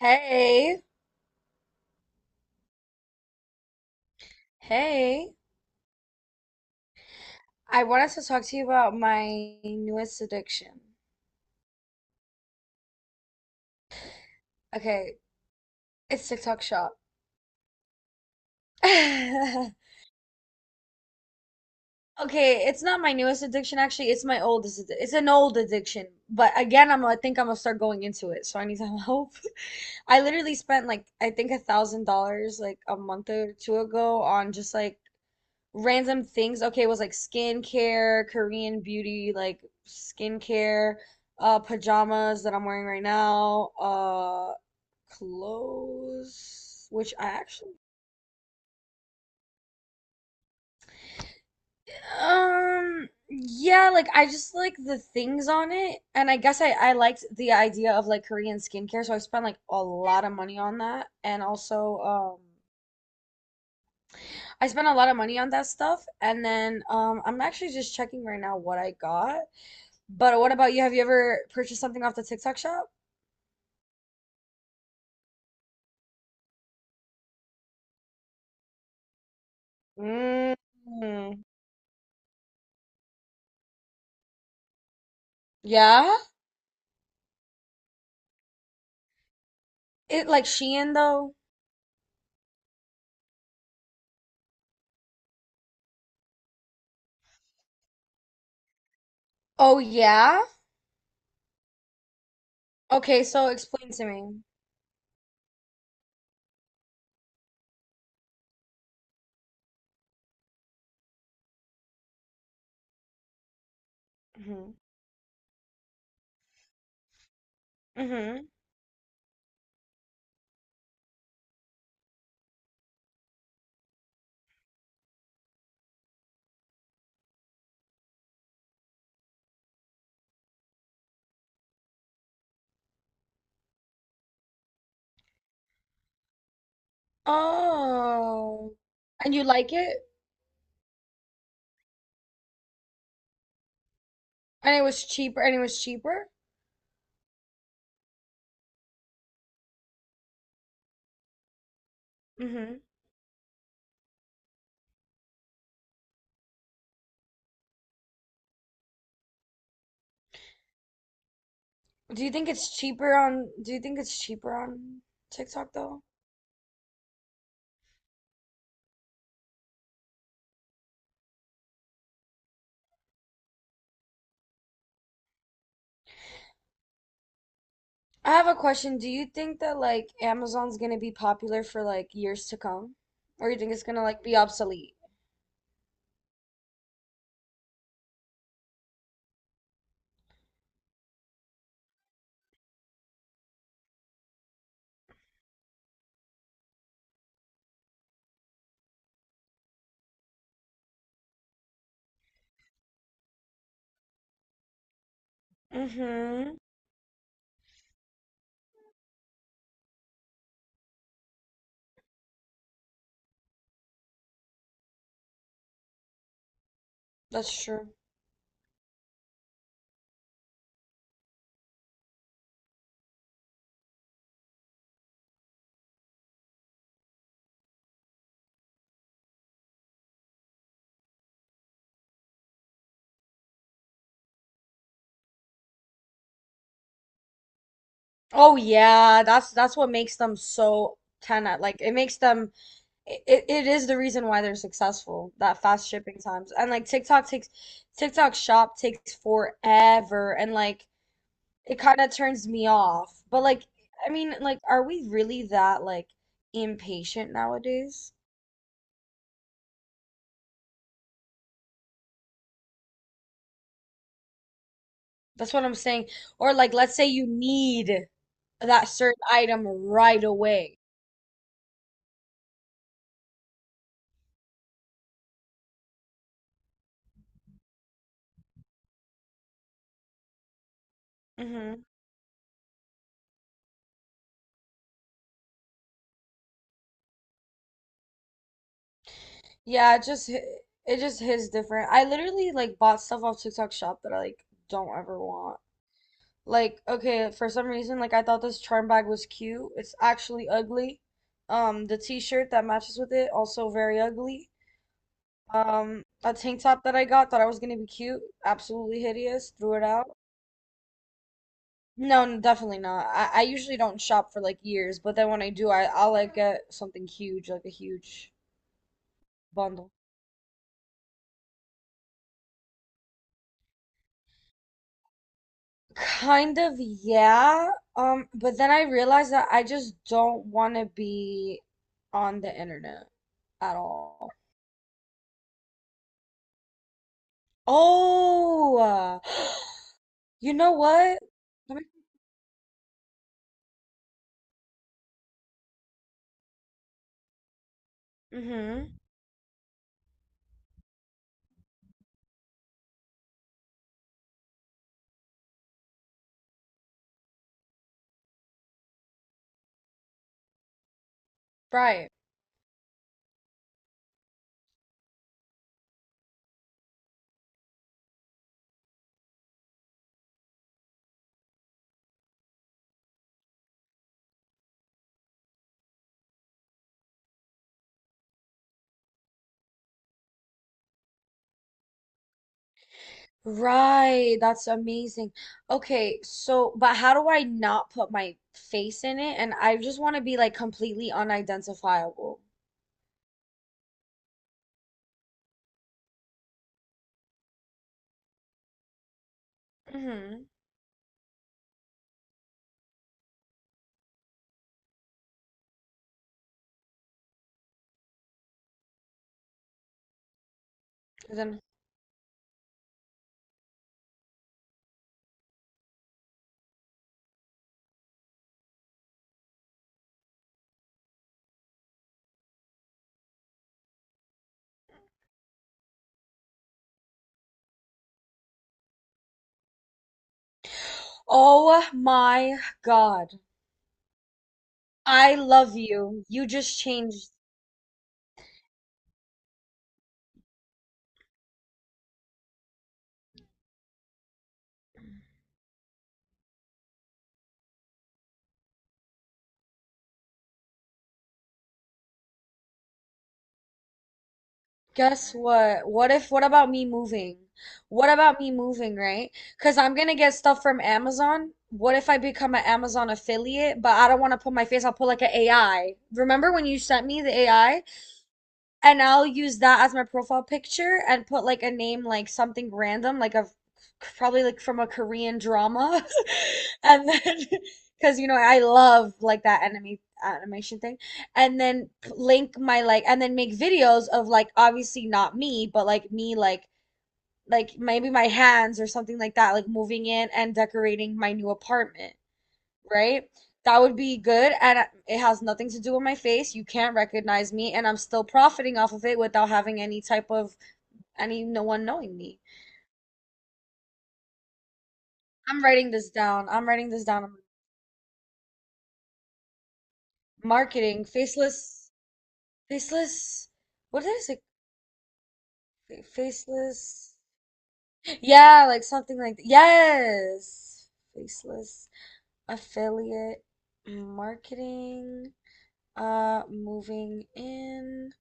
Hey, hey. I wanted to talk to you about my newest addiction. Okay, it's TikTok Shop. Okay, it's not my newest addiction actually. It's my oldest. It's an old addiction, but again, I think I'm gonna start going into it, so I need some help. I literally spent like I think $1,000 like a month or two ago on just like random things. Okay, it was like skincare, Korean beauty, like skincare, pajamas that I'm wearing right now, clothes, which yeah, like I just like the things on it, and I guess I liked the idea of like Korean skincare, so I spent like a lot of money on that, and also I spent a lot of money on that stuff, and then I'm actually just checking right now what I got. But what about you? Have you ever purchased something off the TikTok shop? Mm, yeah? It like Shein though? Oh yeah? Okay, so explain to me. Hmm. Hmm. Oh. And you like it? And it was cheaper? Hmm. Do you think it's cheaper on TikTok though? I have a question. Do you think that like Amazon's gonna be popular for like years to come? Or you think it's gonna like be obsolete? Hmm. That's true. Oh yeah, that's what makes them so 10 at it makes them it is the reason why they're successful, that fast shipping times. And like TikTok shop takes forever and like it kind of turns me off. But like I mean like are we really that like impatient nowadays? That's what I'm saying. Or like let's say you need that certain item right away. Hmm. Yeah, it just it just hits different. I literally like bought stuff off TikTok shop that I like don't ever want. Like, okay, for some reason, like I thought this charm bag was cute. It's actually ugly. The t-shirt that matches with it, also very ugly. A tank top that I got, thought I was gonna be cute, absolutely hideous, threw it out. No, definitely not. I usually don't shop for like years, but then when I do, I'll like get something huge, like a huge bundle. Kind of, yeah. But then I realized that I just don't want to be on the internet at all. Oh, you know what? Let me, mm-hmm. Right. Right, that's amazing. Okay, so but how do I not put my face in it? And I just want to be like completely unidentifiable. Hmm. Then, oh my God, I love you. You just changed. Guess what? What if, What about me moving? What about me moving, right? Because I'm gonna get stuff from Amazon. What if I become an Amazon affiliate, but I don't want to put my face, I'll put like an AI. Remember when you sent me the AI? And I'll use that as my profile picture and put like a name like something random, like a probably like from a Korean drama. And then because you know I love like that anime animation thing. And then p- link my like and then make videos of like obviously not me, but like me like maybe my hands or something like that, like moving in and decorating my new apartment, right? That would be good, and it has nothing to do with my face. You can't recognize me, and I'm still profiting off of it without having any type of any no one knowing me. I'm writing this down. I'm writing this down. Marketing, faceless. What is it? Faceless. Yeah, like yes, faceless affiliate marketing. Moving in.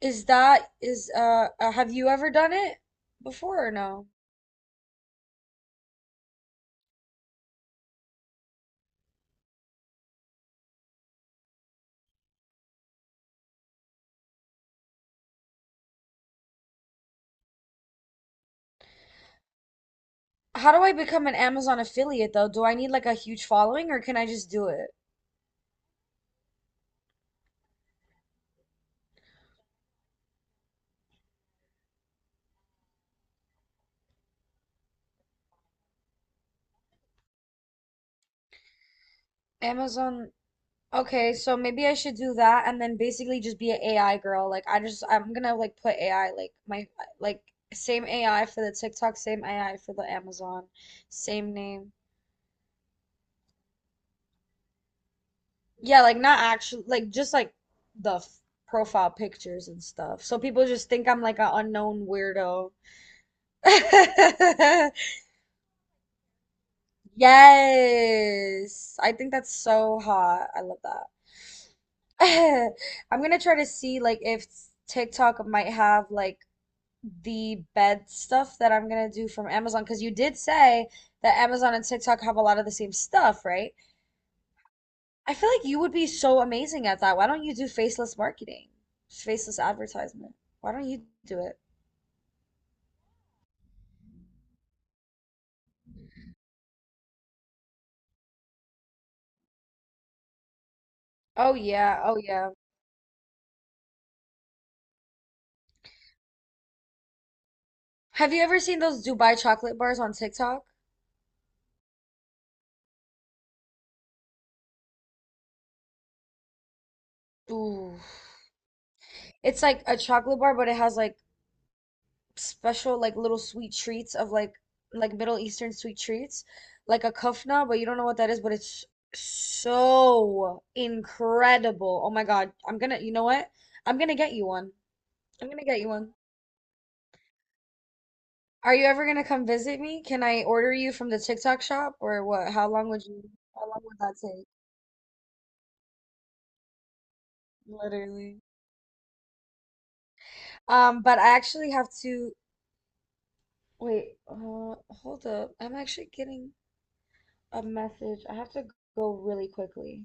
Is that is have you ever done it before or no? How do I become an Amazon affiliate though? Do I need like a huge following or can I just do it? Amazon. Okay, so maybe I should do that and then basically just be an AI girl. I'm gonna like put AI like my like same AI for the TikTok, same AI for the Amazon, same name. Yeah, like not actually, like just like the f profile pictures and stuff. So people just think I'm like an unknown weirdo. Yes. I think that's so hot. I love that. I'm gonna try to see like if TikTok might have like the bed stuff that I'm gonna do from Amazon, because you did say that Amazon and TikTok have a lot of the same stuff, right? I feel like you would be so amazing at that. Why don't you do faceless marketing? Faceless advertisement. Why don't you do it? Oh yeah, oh yeah. Have you ever seen those Dubai chocolate bars on TikTok? Ooh. It's like a chocolate bar, but it has like special like little sweet treats of like Middle Eastern sweet treats, like a kufna, but you don't know what that is, but it's so incredible. Oh my God. You know what? I'm gonna get you one. I'm gonna get you one. Are you ever gonna come visit me? Can I order you from the TikTok shop or what? How long would that take? Literally. But I actually have to wait, hold up. I'm actually getting a message. I have to go really quickly.